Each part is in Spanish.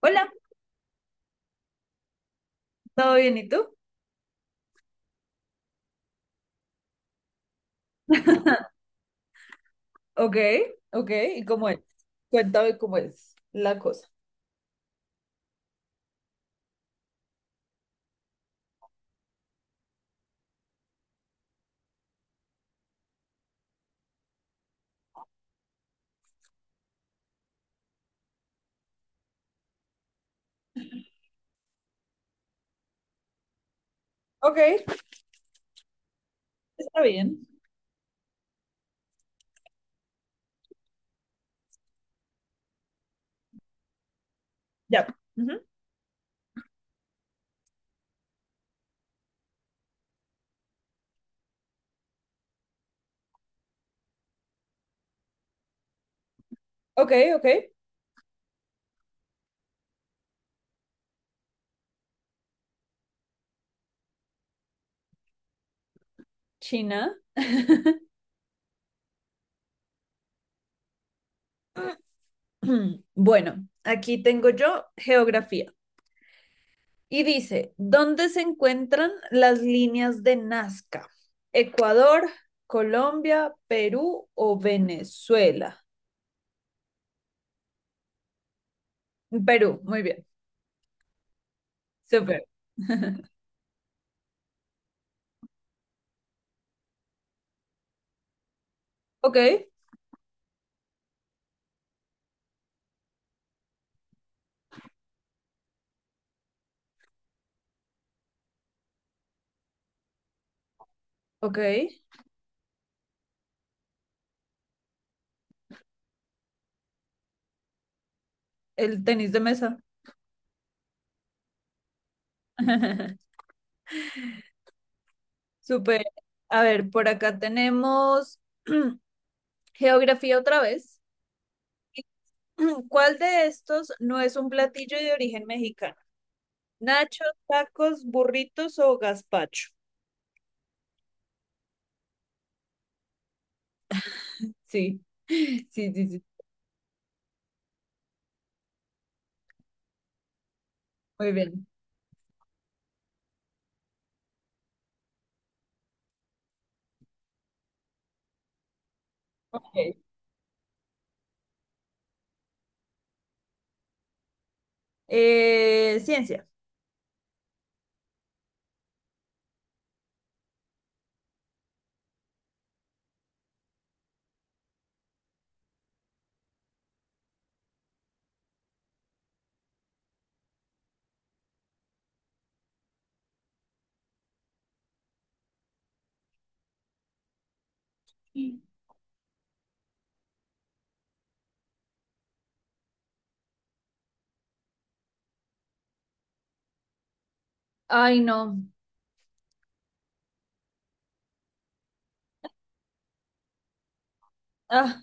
Hola, ¿todo bien? ¿Y tú? Ok, ok, ¿y cómo es? Cuéntame cómo es la cosa. Ok, está bien. Ya. Ujú. Ok, ok. China. Bueno, aquí tengo yo geografía. Y dice, ¿dónde se encuentran las líneas de Nazca? ¿Ecuador, Colombia, Perú o Venezuela? Perú, muy bien. Súper. Ok, ok. El tenis de mesa. Súper. A ver, por acá tenemos geografía otra vez. ¿Cuál de estos no es un platillo de origen mexicano? ¿Nachos, tacos, burritos o gazpacho? Sí, sí, sí, sí. Muy bien. Ok. Ciencia. Ay, no. Ah.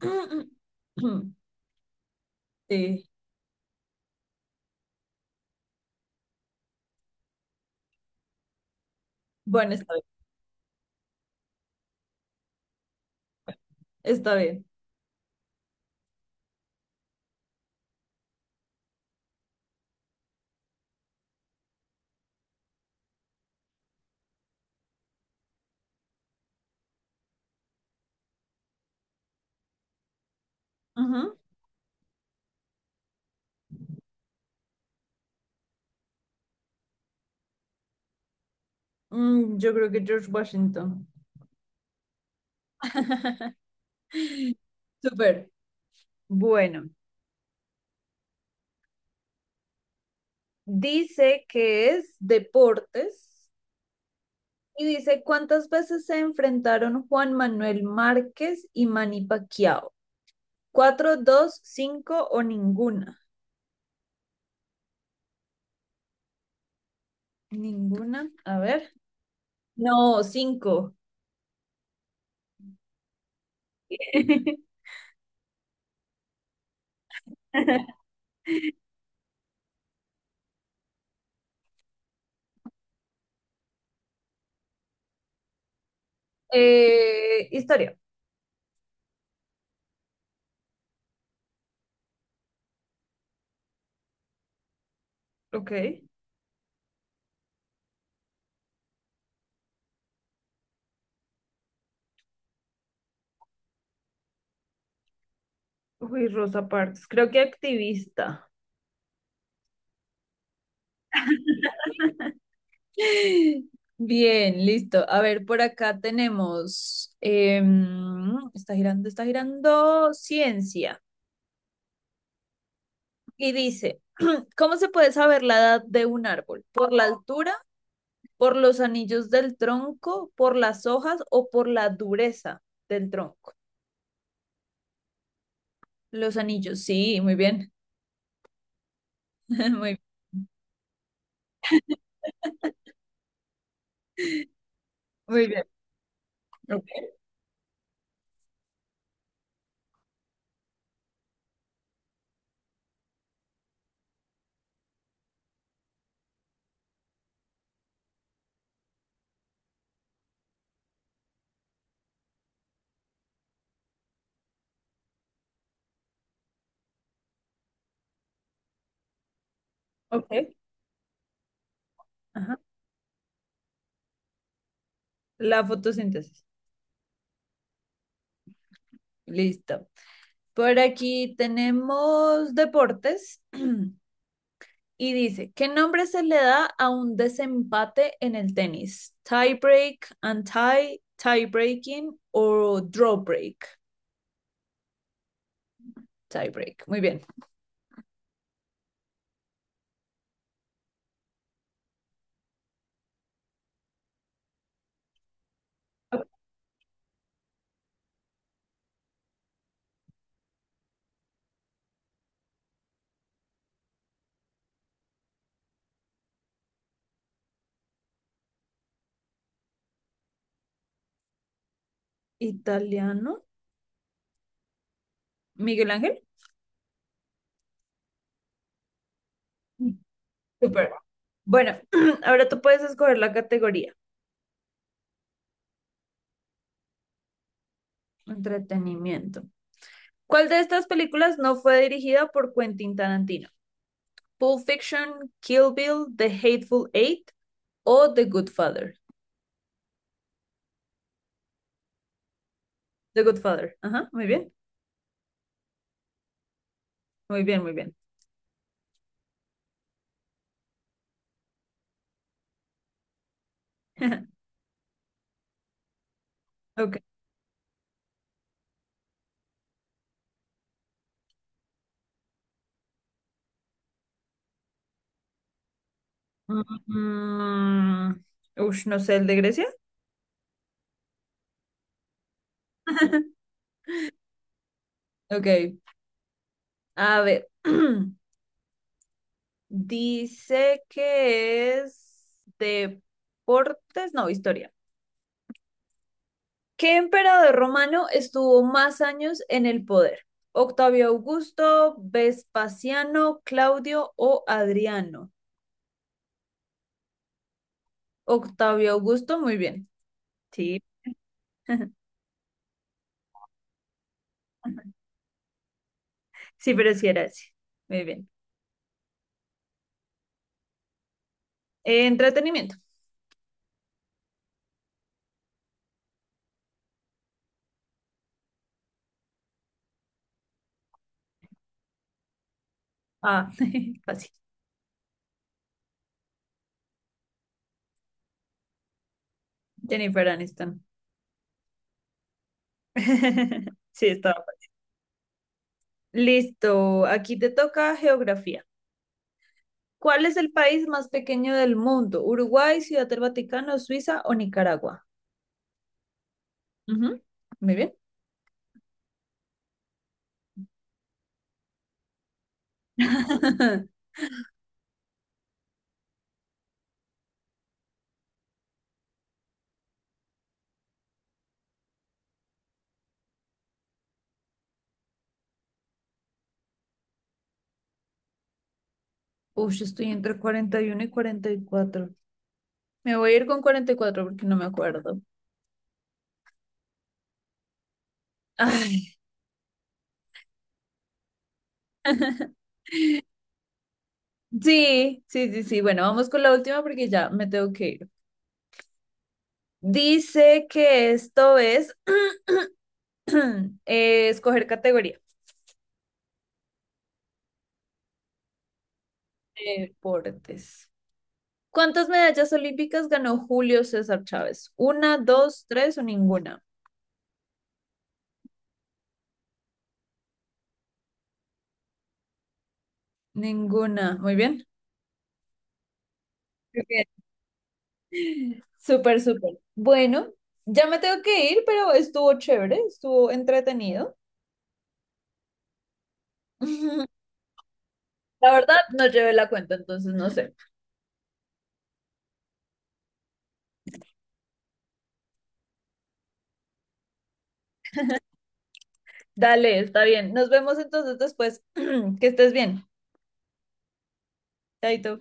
Sí. Bueno, está bien. Está bien. Ujú. Yo creo que George Washington. Súper. Bueno. Dice que es deportes y dice cuántas veces se enfrentaron Juan Manuel Márquez y Manny Pacquiao. Cuatro, dos, cinco o ninguna. Ninguna, a ver. No, cinco. Historia. Ok. Uy, Rosa Parks. Creo que activista. Bien, listo. A ver, por acá tenemos, está girando, ciencia. Y dice, ¿cómo se puede saber la edad de un árbol? ¿Por la altura, por los anillos del tronco, por las hojas o por la dureza del tronco? Los anillos, sí, muy bien. Muy bien. Muy bien. Ok. Ok. Ajá. La fotosíntesis. Listo. Por aquí tenemos deportes y dice, ¿qué nombre se le da a un desempate en el tenis? Tie break, anti, tie breaking o draw break. Tie break. Muy bien. Italiano. Miguel Ángel. Super. Bueno, ahora tú puedes escoger la categoría. Entretenimiento. ¿Cuál de estas películas no fue dirigida por Quentin Tarantino? Pulp Fiction, Kill Bill, The Hateful Eight o The Good Father. The Good Father. Ajá, muy bien, muy bien, muy bien. Ok. Mm, mm, mm. Ush, no sé, ¿el de Grecia? Ok, a ver. Dice que es deportes, no, historia. ¿Qué emperador romano estuvo más años en el poder? Octavio Augusto, Vespasiano, Claudio o Adriano. Octavio Augusto, muy bien. Sí, sí, pero sí era ese. Muy bien. Entretenimiento. Ah, fácil. Jennifer Aniston. Sí, estaba. Fácil. Listo, aquí te toca geografía. ¿Cuál es el país más pequeño del mundo? ¿Uruguay, Ciudad del Vaticano, Suiza o Nicaragua? Ujú, muy bien. Uy, yo estoy entre 41 y 44. Me voy a ir con 44 porque no me acuerdo. Ay, sí, sí, sí, sí. Bueno, vamos con la última porque ya me tengo que ir. Dice que esto es escoger categoría. Deportes. ¿Cuántas medallas olímpicas ganó Julio César Chávez? ¿Una, dos, tres o ninguna? Ninguna. Muy bien. Ok. Súper, súper. Bueno, ya me tengo que ir, pero estuvo chévere, estuvo entretenido. La verdad, no llevé la cuenta, entonces no sé. Dale, está bien. Nos vemos entonces después. Que estés bien. Chaito.